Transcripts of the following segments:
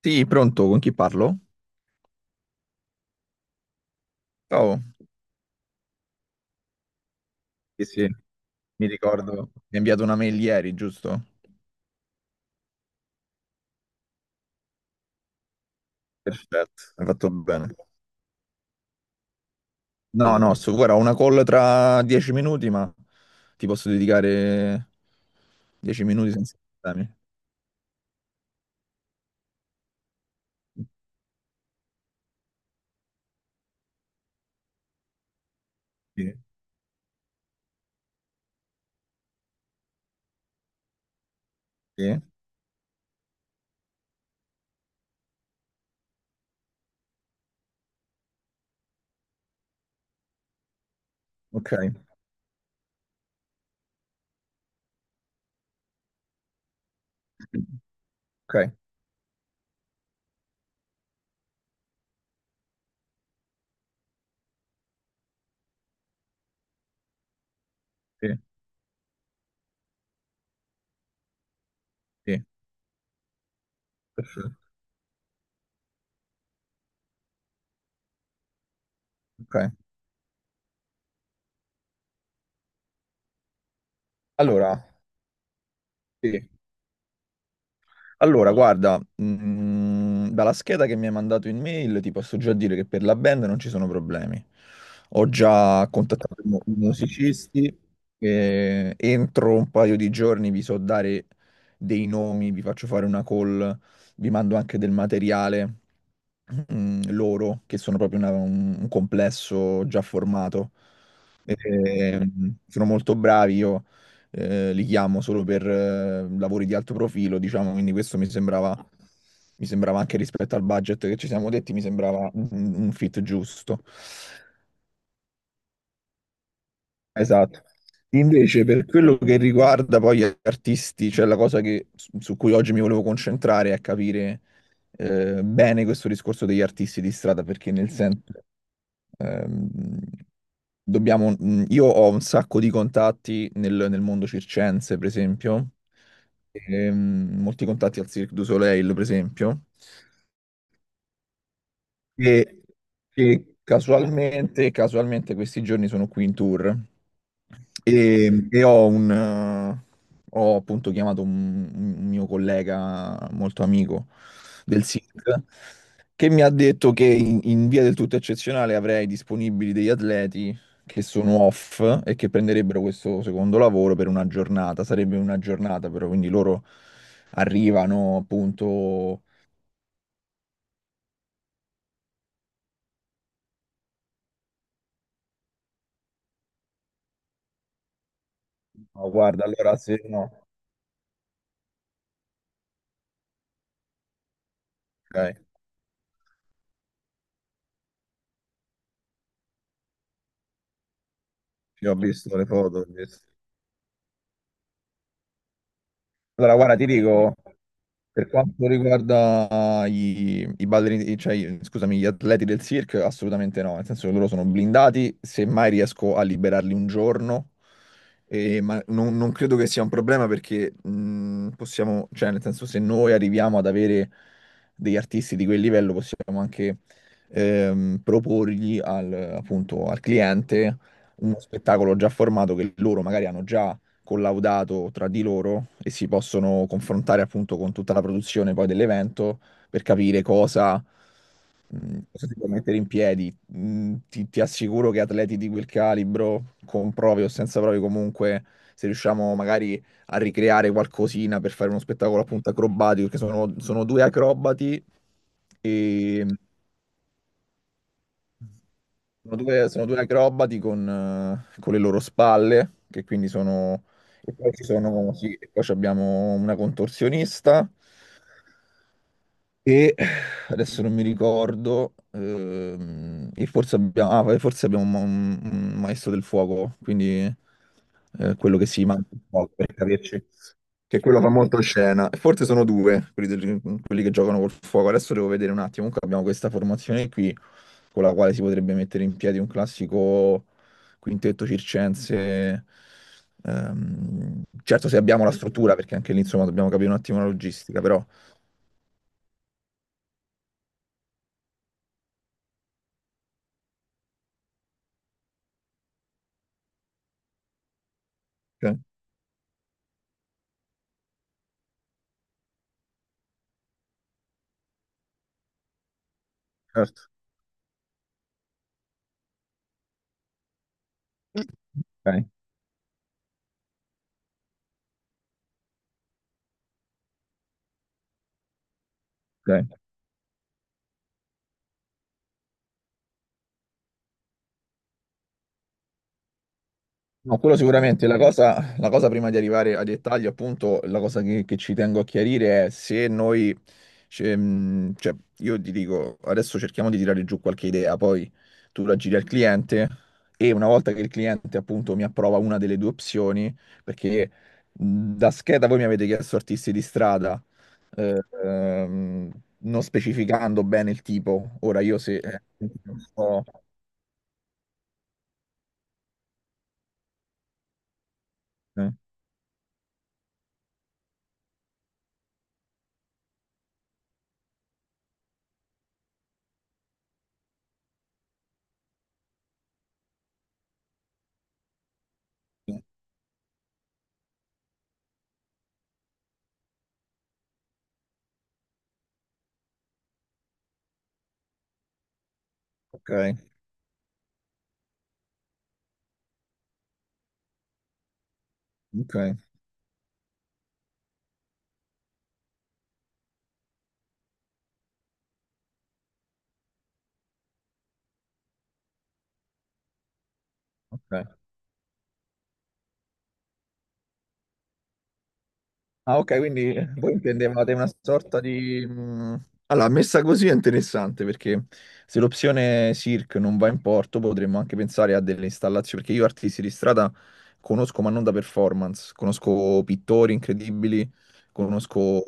Sì, pronto, con chi parlo? Ciao. Sì, sì, mi ricordo. Mi hai inviato una mail ieri, giusto? Perfetto, hai fatto bene. No, no, su, guarda, ho una call tra 10 minuti, ma ti posso dedicare 10 minuti senza problemi. Sì, sì, ok, ok, sì, sì, ok. Allora, sì. Allora, guarda, dalla scheda che mi hai mandato in mail ti posso già dire che per la band non ci sono problemi. Ho già contattato i musicisti e entro un paio di giorni vi so dare dei nomi, vi faccio fare una call, vi mando anche del materiale loro, che sono proprio un complesso già formato. E, sono molto bravi, io li chiamo solo per lavori di alto profilo, diciamo, quindi questo mi sembrava anche rispetto al budget che ci siamo detti, mi sembrava un fit giusto. Esatto. Invece, per quello che riguarda poi gli artisti, cioè la cosa su cui oggi mi volevo concentrare è capire bene questo discorso degli artisti di strada, perché nel senso, ehm, dobbiamo, io ho un sacco di contatti nel mondo circense, per esempio, ehm, molti contatti al Cirque du Soleil, per esempio, e, e casualmente, casualmente questi giorni sono qui in tour. E, e ho un, eh, ho appunto chiamato un mio collega molto amico del SIC che mi ha detto che in via del tutto eccezionale avrei disponibili degli atleti che sono off e che prenderebbero questo secondo lavoro per una giornata. Sarebbe una giornata però, quindi loro arrivano appunto. "Oh, guarda, allora se no, ok, sì, ho visto le foto. Ho visto. Allora, guarda, ti dico. Per quanto riguarda i ballerini, cioè, gli atleti del circo, assolutamente no, nel senso che loro sono blindati, semmai riesco a liberarli un giorno, ma non, non credo che sia un problema perché possiamo, cioè nel senso se noi arriviamo ad avere degli artisti di quel livello possiamo anche proporgli al, appunto, al cliente uno spettacolo già formato che loro magari hanno già collaudato tra di loro e si possono confrontare appunto con tutta la produzione poi dell'evento per capire cosa, cosa si può mettere in piedi. Ti assicuro che atleti di quel calibro, con prove o senza prove comunque, se riusciamo magari a ricreare qualcosina per fare uno spettacolo appunto acrobatico, perché sono, sono due acrobati e... sono due acrobati con le loro spalle, che quindi sono... E poi ci sono, sì, e poi ci abbiamo una contorsionista e adesso non mi ricordo, e forse abbiamo, ah, forse abbiamo un maestro del fuoco, quindi quello che si mangia il fuoco, per capirci che quello fa molto scena. Forse sono due quelli che giocano col fuoco. Adesso devo vedere un attimo. Comunque abbiamo questa formazione qui con la quale si potrebbe mettere in piedi un classico quintetto circense. Certo, se abbiamo la struttura, perché anche lì insomma dobbiamo capire un attimo la logistica, però. Ok, certo. Ok, ok. No, quello sicuramente. La cosa prima di arrivare ai dettagli, appunto, la cosa che ci tengo a chiarire è se noi, cioè, io ti dico, adesso cerchiamo di tirare giù qualche idea, poi tu la giri al cliente e una volta che il cliente, appunto, mi approva una delle due opzioni, perché da scheda voi mi avete chiesto artisti di strada, eh, ehm, non specificando bene il tipo. Ora io se... un po', eh, ok, ok, ok. Ah, ok, quindi voi intendevate una sorta di... allora, messa così è interessante perché se l'opzione SIRC non va in porto potremmo anche pensare a delle installazioni, perché io artisti di strada conosco ma non da performance, conosco pittori incredibili, conosco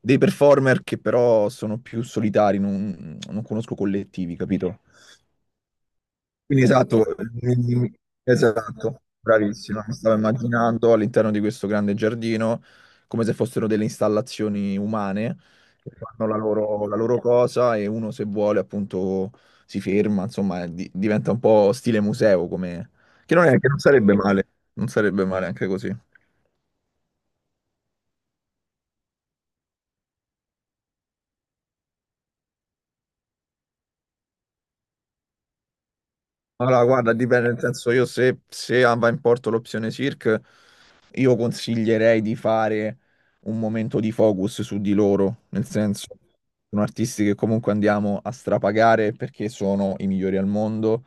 dei performer che però sono più solitari, non, non conosco collettivi, capito? Quindi, esatto, esatto, bravissima. Mi stavo immaginando all'interno di questo grande giardino come se fossero delle installazioni umane che fanno la loro cosa e uno se vuole appunto si ferma, insomma, e diventa un po' stile museo come... che non è, che non sarebbe male, non sarebbe male anche così. Allora, guarda, dipende, nel senso io se, se va in porto l'opzione Cirque, io consiglierei di fare un momento di focus su di loro, nel senso sono artisti che comunque andiamo a strapagare perché sono i migliori al mondo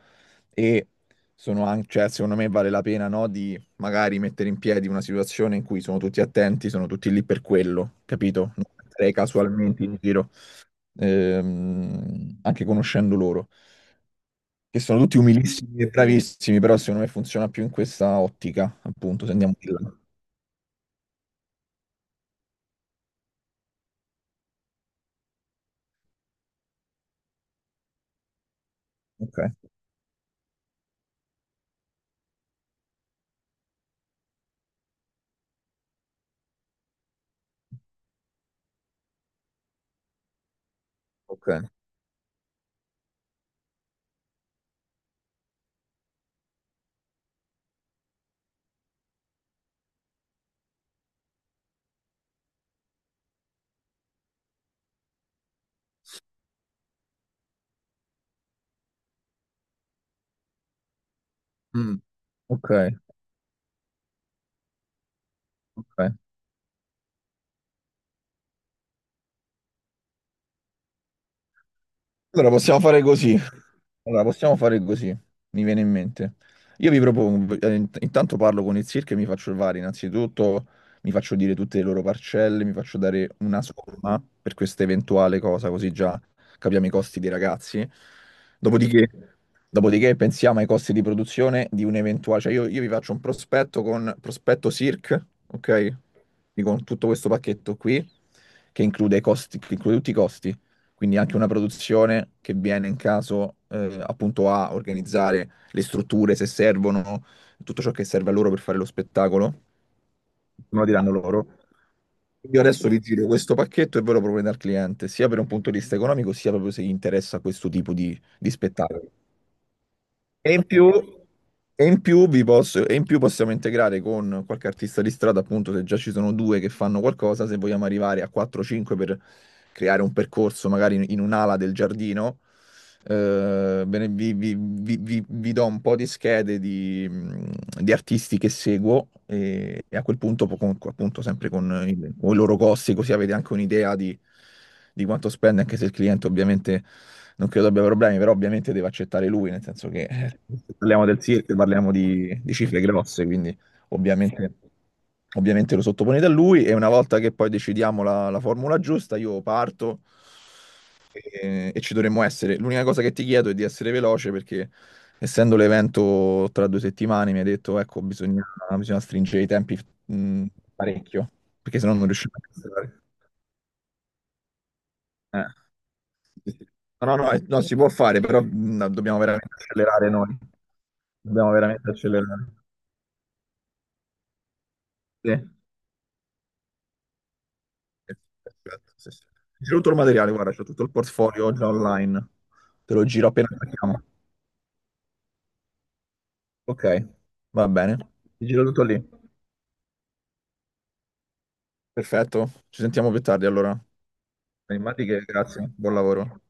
e sono anche, cioè, secondo me vale la pena, no, di magari mettere in piedi una situazione in cui sono tutti attenti, sono tutti lì per quello, capito? Non metterei casualmente in giro, anche conoscendo loro che sono tutti umilissimi e bravissimi, però secondo me funziona più in questa ottica, appunto, se andiamo di là. Ok, ok. Mm, ok, ok. Allora possiamo fare così. Allora, possiamo fare così, mi viene in mente. Io vi propongo, intanto parlo con il circo e mi faccio il VAR. Innanzitutto mi faccio dire tutte le loro parcelle, mi faccio dare una somma per questa eventuale cosa, così già capiamo i costi dei ragazzi. Dopodiché, dopodiché pensiamo ai costi di produzione di un eventuale... Cioè io vi faccio un prospetto con prospetto circ, ok? Quindi con tutto questo pacchetto qui, che include i costi, che include tutti i costi quindi anche una produzione che viene in caso appunto a organizzare le strutture se servono, tutto ciò che serve a loro per fare lo spettacolo, me lo diranno loro. Io adesso vi giro questo pacchetto e ve lo proponete al cliente, sia per un punto di vista economico, sia proprio se gli interessa questo tipo di spettacolo. E in più, e in più e in più possiamo integrare con qualche artista di strada, appunto, se già ci sono due che fanno qualcosa, se vogliamo arrivare a 4-5 per creare un percorso magari in, in un'ala del giardino. Bene, vi do un po' di schede di, di artisti che seguo e a quel punto, appunto, sempre con con i loro costi, così avete anche un'idea di quanto spende, anche se il cliente ovviamente non credo abbia problemi, però ovviamente deve accettare lui, nel senso che parliamo del circo, parliamo di cifre grosse, quindi... Ovviamente, ovviamente lo sottoponete a lui e una volta che poi decidiamo la, la formula giusta, io parto e ci dovremmo essere. L'unica cosa che ti chiedo è di essere veloce perché essendo l'evento tra due settimane mi hai detto, ecco, bisogna, bisogna stringere i tempi mh, parecchio, perché sennò non riusciamo a cancellare. Eh. Sì, sì. No, no, no, no, si può fare, però dobbiamo veramente accelerare noi. Dobbiamo veramente accelerare. Sì. Perfetto, sì, sì. Giro tutto il materiale, guarda, c'ho tutto il portfolio già online. Te lo giro appena attacchiamo. Ok, va bene. Ti giro tutto lì. Perfetto, ci sentiamo più tardi allora. Animati che grazie, buon lavoro.